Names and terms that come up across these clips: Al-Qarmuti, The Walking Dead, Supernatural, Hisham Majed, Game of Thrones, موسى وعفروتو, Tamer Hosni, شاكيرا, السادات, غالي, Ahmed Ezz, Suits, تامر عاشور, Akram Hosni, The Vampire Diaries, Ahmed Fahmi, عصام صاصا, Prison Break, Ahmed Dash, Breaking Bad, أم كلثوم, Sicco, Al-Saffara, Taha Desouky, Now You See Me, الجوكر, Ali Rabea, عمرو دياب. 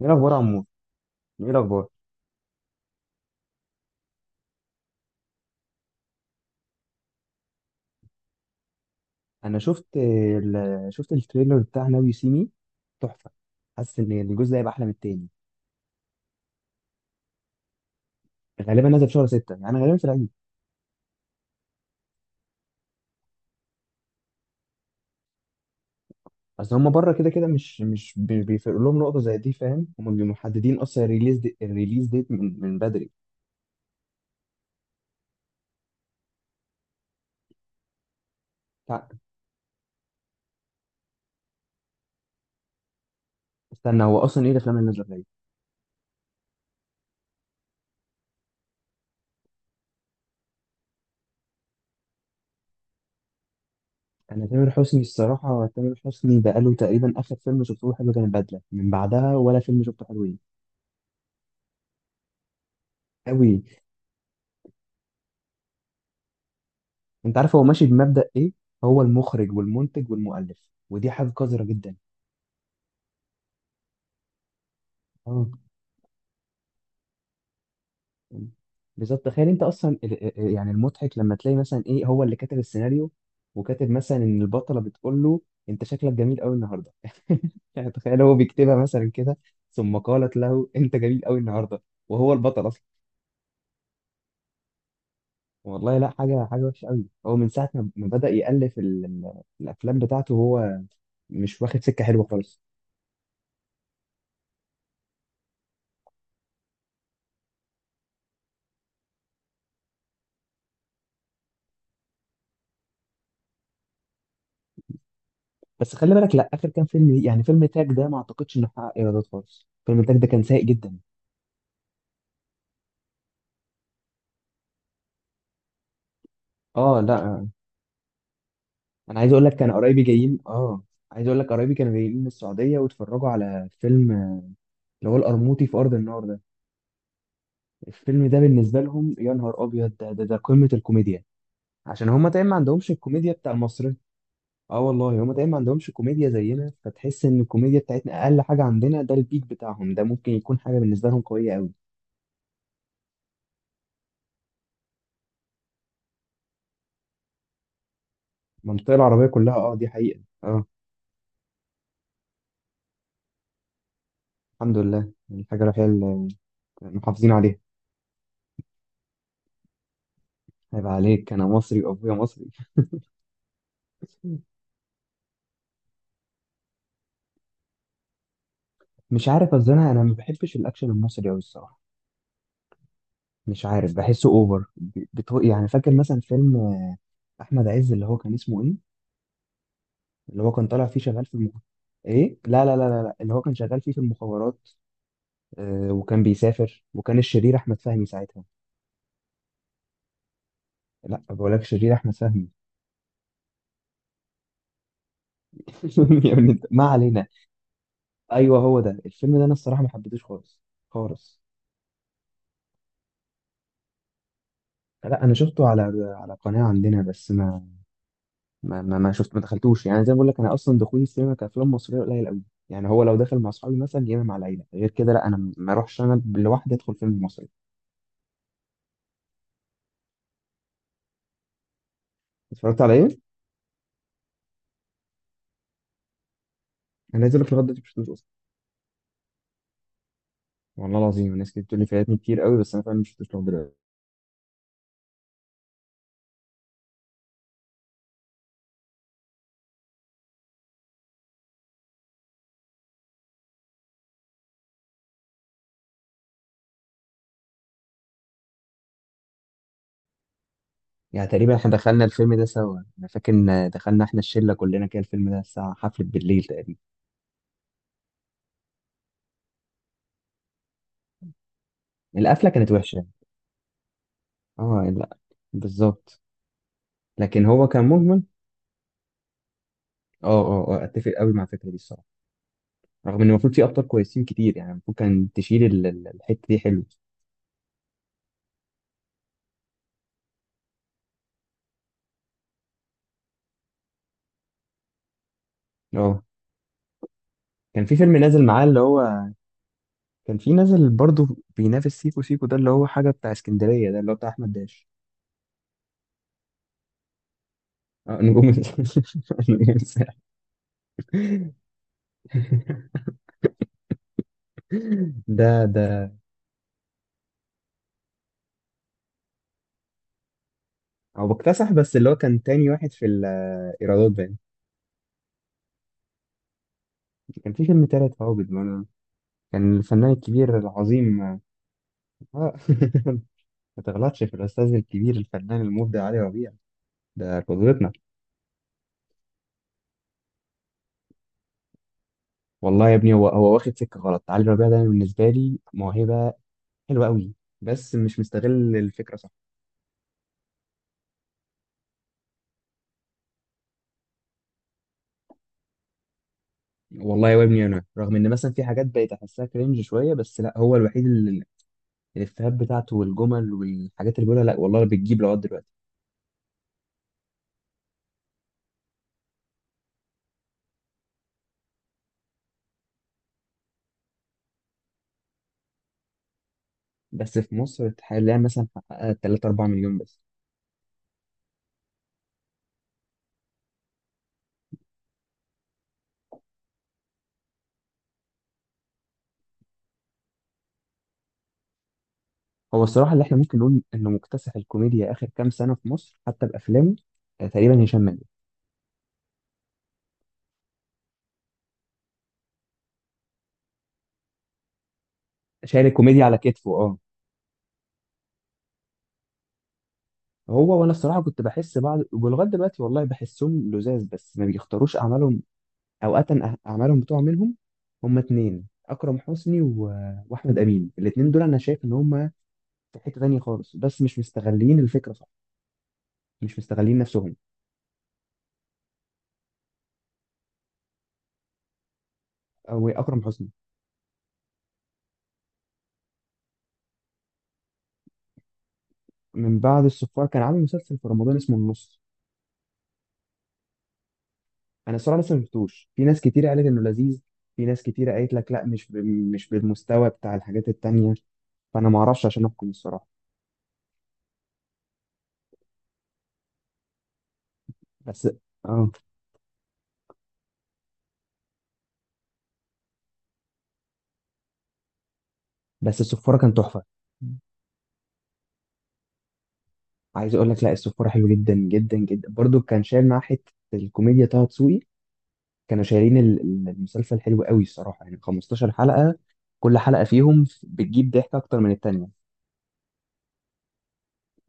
ايه الاخبار يا عمور؟ ايه الاخبار؟ شفت التريلر بتاع ناو يو سي مي. تحفه. حاسس ان الجزء ده هيبقى احلى من التاني. غالبا نازل في شهر 6، يعني غالبا في العيد. اصل هم بره كده كده مش بيفرق لهم نقطه زي دي، فاهم. هم بيبقوا محددين اصلا الريليز ديت من بدري. تع- استنى، هو اصلا ايه الافلام اللي نازله في العيد؟ انا تامر حسني الصراحه، تامر حسني بقاله تقريبا اخر فيلم شفته له حلو كان البدله، من بعدها ولا فيلم شفته حلوين. قوي. انت عارف هو ماشي بمبدأ ايه؟ هو المخرج والمنتج والمؤلف، ودي حاجة قذرة جدا. اه، بالظبط. تخيل انت اصلا يعني المضحك لما تلاقي مثلا ايه هو اللي كاتب السيناريو، وكاتب مثلا ان البطلة بتقول له: انت شكلك جميل قوي النهارده. يعني تخيل هو بيكتبها مثلا كده، ثم قالت له انت جميل قوي النهارده، وهو البطل اصلا. والله لا حاجة وحشة قوي. هو من ساعة ما بدأ يألف الافلام بتاعته، هو مش واخد سكة حلوة خالص. بس خلي بالك، لا، اخر كام فيلم يعني فيلم تاج ده ما اعتقدش انه حقق ايرادات خالص. فيلم تاج ده كان سيء جدا. اه لا. انا عايز اقول لك كان قرايبي جايين، عايز اقول لك قرايبي كانوا جايين من السعوديه، واتفرجوا على فيلم اللي هو القرموطي في ارض النار ده. الفيلم ده بالنسبه لهم، يا نهار ابيض، ده قمه الكوميديا. عشان هما تقريبا ما عندهمش الكوميديا بتاع المصري. اه والله، هما تقريبا ما عندهمش كوميديا زينا، فتحس ان الكوميديا بتاعتنا اقل حاجه عندنا، ده البيك بتاعهم ده ممكن يكون حاجه بالنسبه لهم قويه قوي. المنطقه العربيه كلها، اه، دي حقيقه، اه. الحمد لله، الحاجة الوحيدة اللي محافظين عليها. هيبقى عليك، أنا مصري وأبويا مصري. مش عارف، أصل أنا ما بحبش الأكشن المصري أوي الصراحة. مش عارف، بحسه أوفر، يعني فاكر مثلا فيلم أحمد عز اللي هو كان اسمه إيه؟ اللي هو كان طالع فيه شغال في إيه؟ لا لا لا لا لا، اللي هو كان شغال فيه في المخابرات. آه وكان بيسافر، وكان الشرير أحمد فهمي ساعتها. لا، بقول لك الشرير أحمد فهمي. يعني ما علينا. أيوه، هو ده الفيلم ده. أنا الصراحة ما حبيتهوش خالص خالص. لا، انا شفته على قناه عندنا، بس ما شفت، ما دخلتوش، يعني زي ما بقول لك انا اصلا دخولي السينما كافلام مصريه قليل قوي. يعني هو لو دخل مع اصحابي مثلا، يا اما مع العيله، غير كده لا، انا ما اروحش انا لوحدي ادخل فيلم مصري. اتفرجت على ايه؟ انا عايز اقول لك لغايه دلوقتي ما شفتوش اصلا. والله العظيم، الناس كتير بتقول لي فاتني كتير قوي، بس انا فعلا ما شفتوش لغايه دلوقتي. يعني تقريبا احنا دخلنا الفيلم ده سوا، انا فاكر ان دخلنا احنا الشله كلنا كده الفيلم ده الساعه حفله بالليل تقريبا. القفله كانت وحشه. اه لا. بالظبط. لكن هو كان مجمل. اه، اه، آه، اتفق قوي مع الفكره دي الصراحه. رغم ان المفروض في ابطال كويسين كتير، يعني المفروض كان تشيل الحته دي حلو. اه، كان في فيلم نازل معاه اللي هو كان في نازل برضه بينافس سيكو سيكو ده، اللي هو حاجه بتاع اسكندريه ده اللي هو بتاع احمد داش. اه، نجوم نجوم الساحل. ده هو بكتسح، بس اللي هو كان تاني واحد في الايرادات باين. كان في فيلم تالت هابط برضه. كان الفنان الكبير العظيم اه ما تغلطش في الاستاذ الكبير الفنان المبدع علي ربيع. ده قدوتنا. والله يا ابني، هو واخد سكه غلط. علي ربيع ده بالنسبه لي موهبه حلوه قوي، بس مش مستغل الفكره صح. والله يا ابني، انا رغم ان مثلا في حاجات بقيت احسها كرنج شويه، بس لا هو الوحيد اللي الافيهات بتاعته والجمل والحاجات اللي بيقولها، لا والله، بتجيب لغايه دلوقتي. بس في مصر حاليا مثلا حققها 3 4 مليون بس. هو الصراحه اللي احنا ممكن نقول انه مكتسح الكوميديا اخر كام سنه في مصر حتى بافلامه، آه، تقريبا هشام ماجد. شايل الكوميديا على كتفه، اه. هو، وانا الصراحه كنت بحس بعض، ولغايه دلوقتي والله بحسهم لزاز، بس ما بيختاروش اعمالهم. اوقات اعمالهم بتوع منهم. هما اتنين، اكرم حسني واحمد امين. الاتنين دول انا شايف ان هما في حته تانيه خالص، بس مش مستغلين الفكره صح، مش مستغلين نفسهم. او اكرم حسني. من بعد الصفار كان عامل مسلسل في رمضان اسمه النص. انا الصراحه لسه ما شفتوش. في ناس كتير قالت انه لذيذ، في ناس كتير قالت لك لا، مش بالمستوى بتاع الحاجات التانيه. فانا ما اعرفش عشان احكم الصراحه. بس اه بس الصفاره كان تحفه. عايز اقول لك لا، الصفاره حلو جدا جدا جدا، برضو كان شايل معاه حته الكوميديا طه دسوقي. كانوا شايلين المسلسل حلو قوي الصراحه، يعني 15 حلقه، كل حلقه فيهم بتجيب ضحك اكتر من التانيه.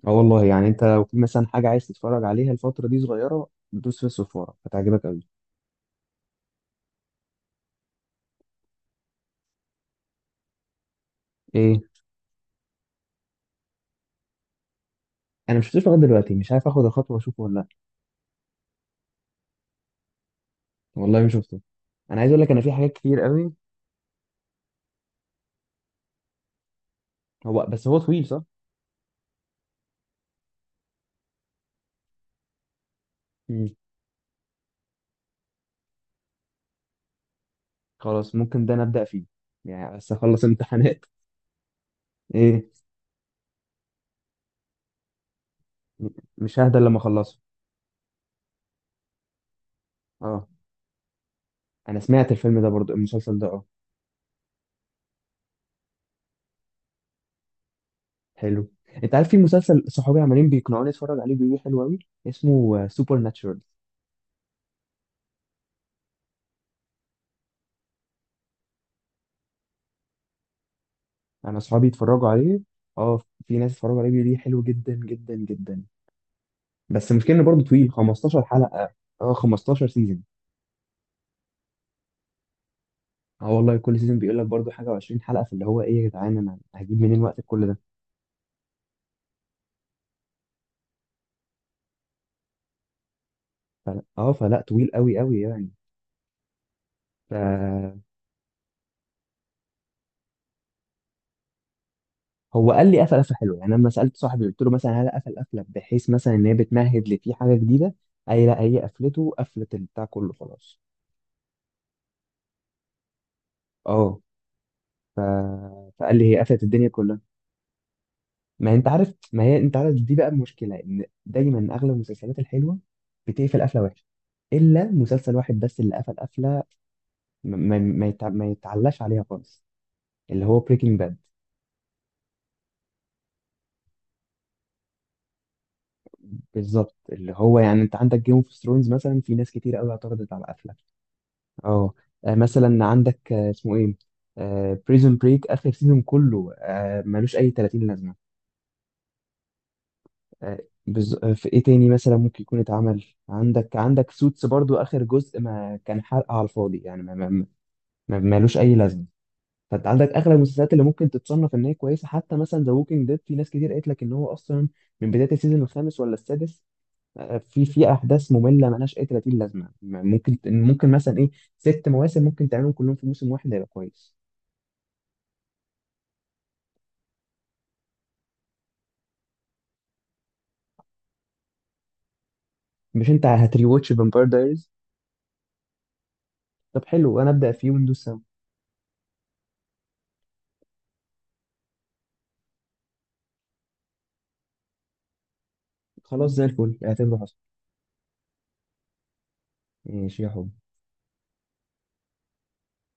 اه والله، يعني انت لو في مثلا حاجه عايز تتفرج عليها الفتره دي صغيره، دوس في الصفاره هتعجبك قوي. ايه؟ انا مش شفتوش لغايه دلوقتي، مش عارف اخد الخطوه واشوفه ولا لا. والله ما شفته. انا عايز اقول لك انا في حاجات كتير قوي. هو بس هو طويل، صح؟ مم. خلاص، ممكن ده نبدا فيه، يعني بس اخلص امتحانات. ايه؟ م- مش ههدى لما اخلصه. اه، انا سمعت الفيلم ده، برضو المسلسل ده، اه. حلو. انت عارف في مسلسل صحابي عمالين بيقنعوني اتفرج عليه، بيقولوا لي حلو قوي، اسمه سوبر ناتشورال. انا اصحابي اتفرجوا عليه. اه. في ناس اتفرجوا عليه بيقولوا لي حلو جدا جدا جدا. بس المشكله انه برضو طويل، 15 حلقه. اه، 15 سيزون. اه والله، كل سيزون بيقول لك برضو حاجه و20 حلقه، فاللي هو ايه يا جدعان، انا هجيب منين وقت كل ده؟ فلا طويل قوي قوي، يعني. ف هو قال لي قفل قفله حلوه، يعني لما سالت صاحبي قلت له مثلا هل قفل قفله بحيث مثلا ان هي بتمهد لفي حاجه جديده؟ اي، لا هي قفلته، قفلت البتاع كله، خلاص. اه. ف... فقال لي هي قفلت الدنيا كلها. ما انت عارف، ما هي انت عارف، دي بقى المشكله ان دايما اغلب المسلسلات الحلوه بتقفل قفله وحشه، الا مسلسل واحد بس اللي قفل قفله ما يتعلاش عليها خالص، اللي هو بريكنج باد. بالظبط. اللي هو يعني انت عندك جيم اوف ثرونز مثلا، في ناس كتير قوي اعترضت على قفله. اه. آه، مثلا عندك، اسمه ايه، بريزون بريك اخر سيزون كله، آه، ملوش اي 30 لازمه. آه، بز... آه، في ايه تاني مثلا ممكن يكون اتعمل، عندك سوتس برضو، اخر جزء ما كان حرق على الفاضي، يعني ما... ما... ما... ملوش اي لازمه. فانت عندك اغلب المسلسلات اللي ممكن تتصنف ان هي كويسه، حتى مثلا ذا ووكينج ديد، في ناس كتير قالت لك ان هو اصلا من بدايه السيزون الخامس ولا السادس، آه، في احداث ممله ملهاش اي 30 لازمه، ممكن مثلا ايه، ست مواسم ممكن تعملهم كلهم في موسم واحد هيبقى كويس. مش انت هتريواتش فامباير دايريز؟ طب حلو، انا ابدا فيه وندوس سوا. خلاص زي الفل، اعتبره حصل. ماشي يا حب.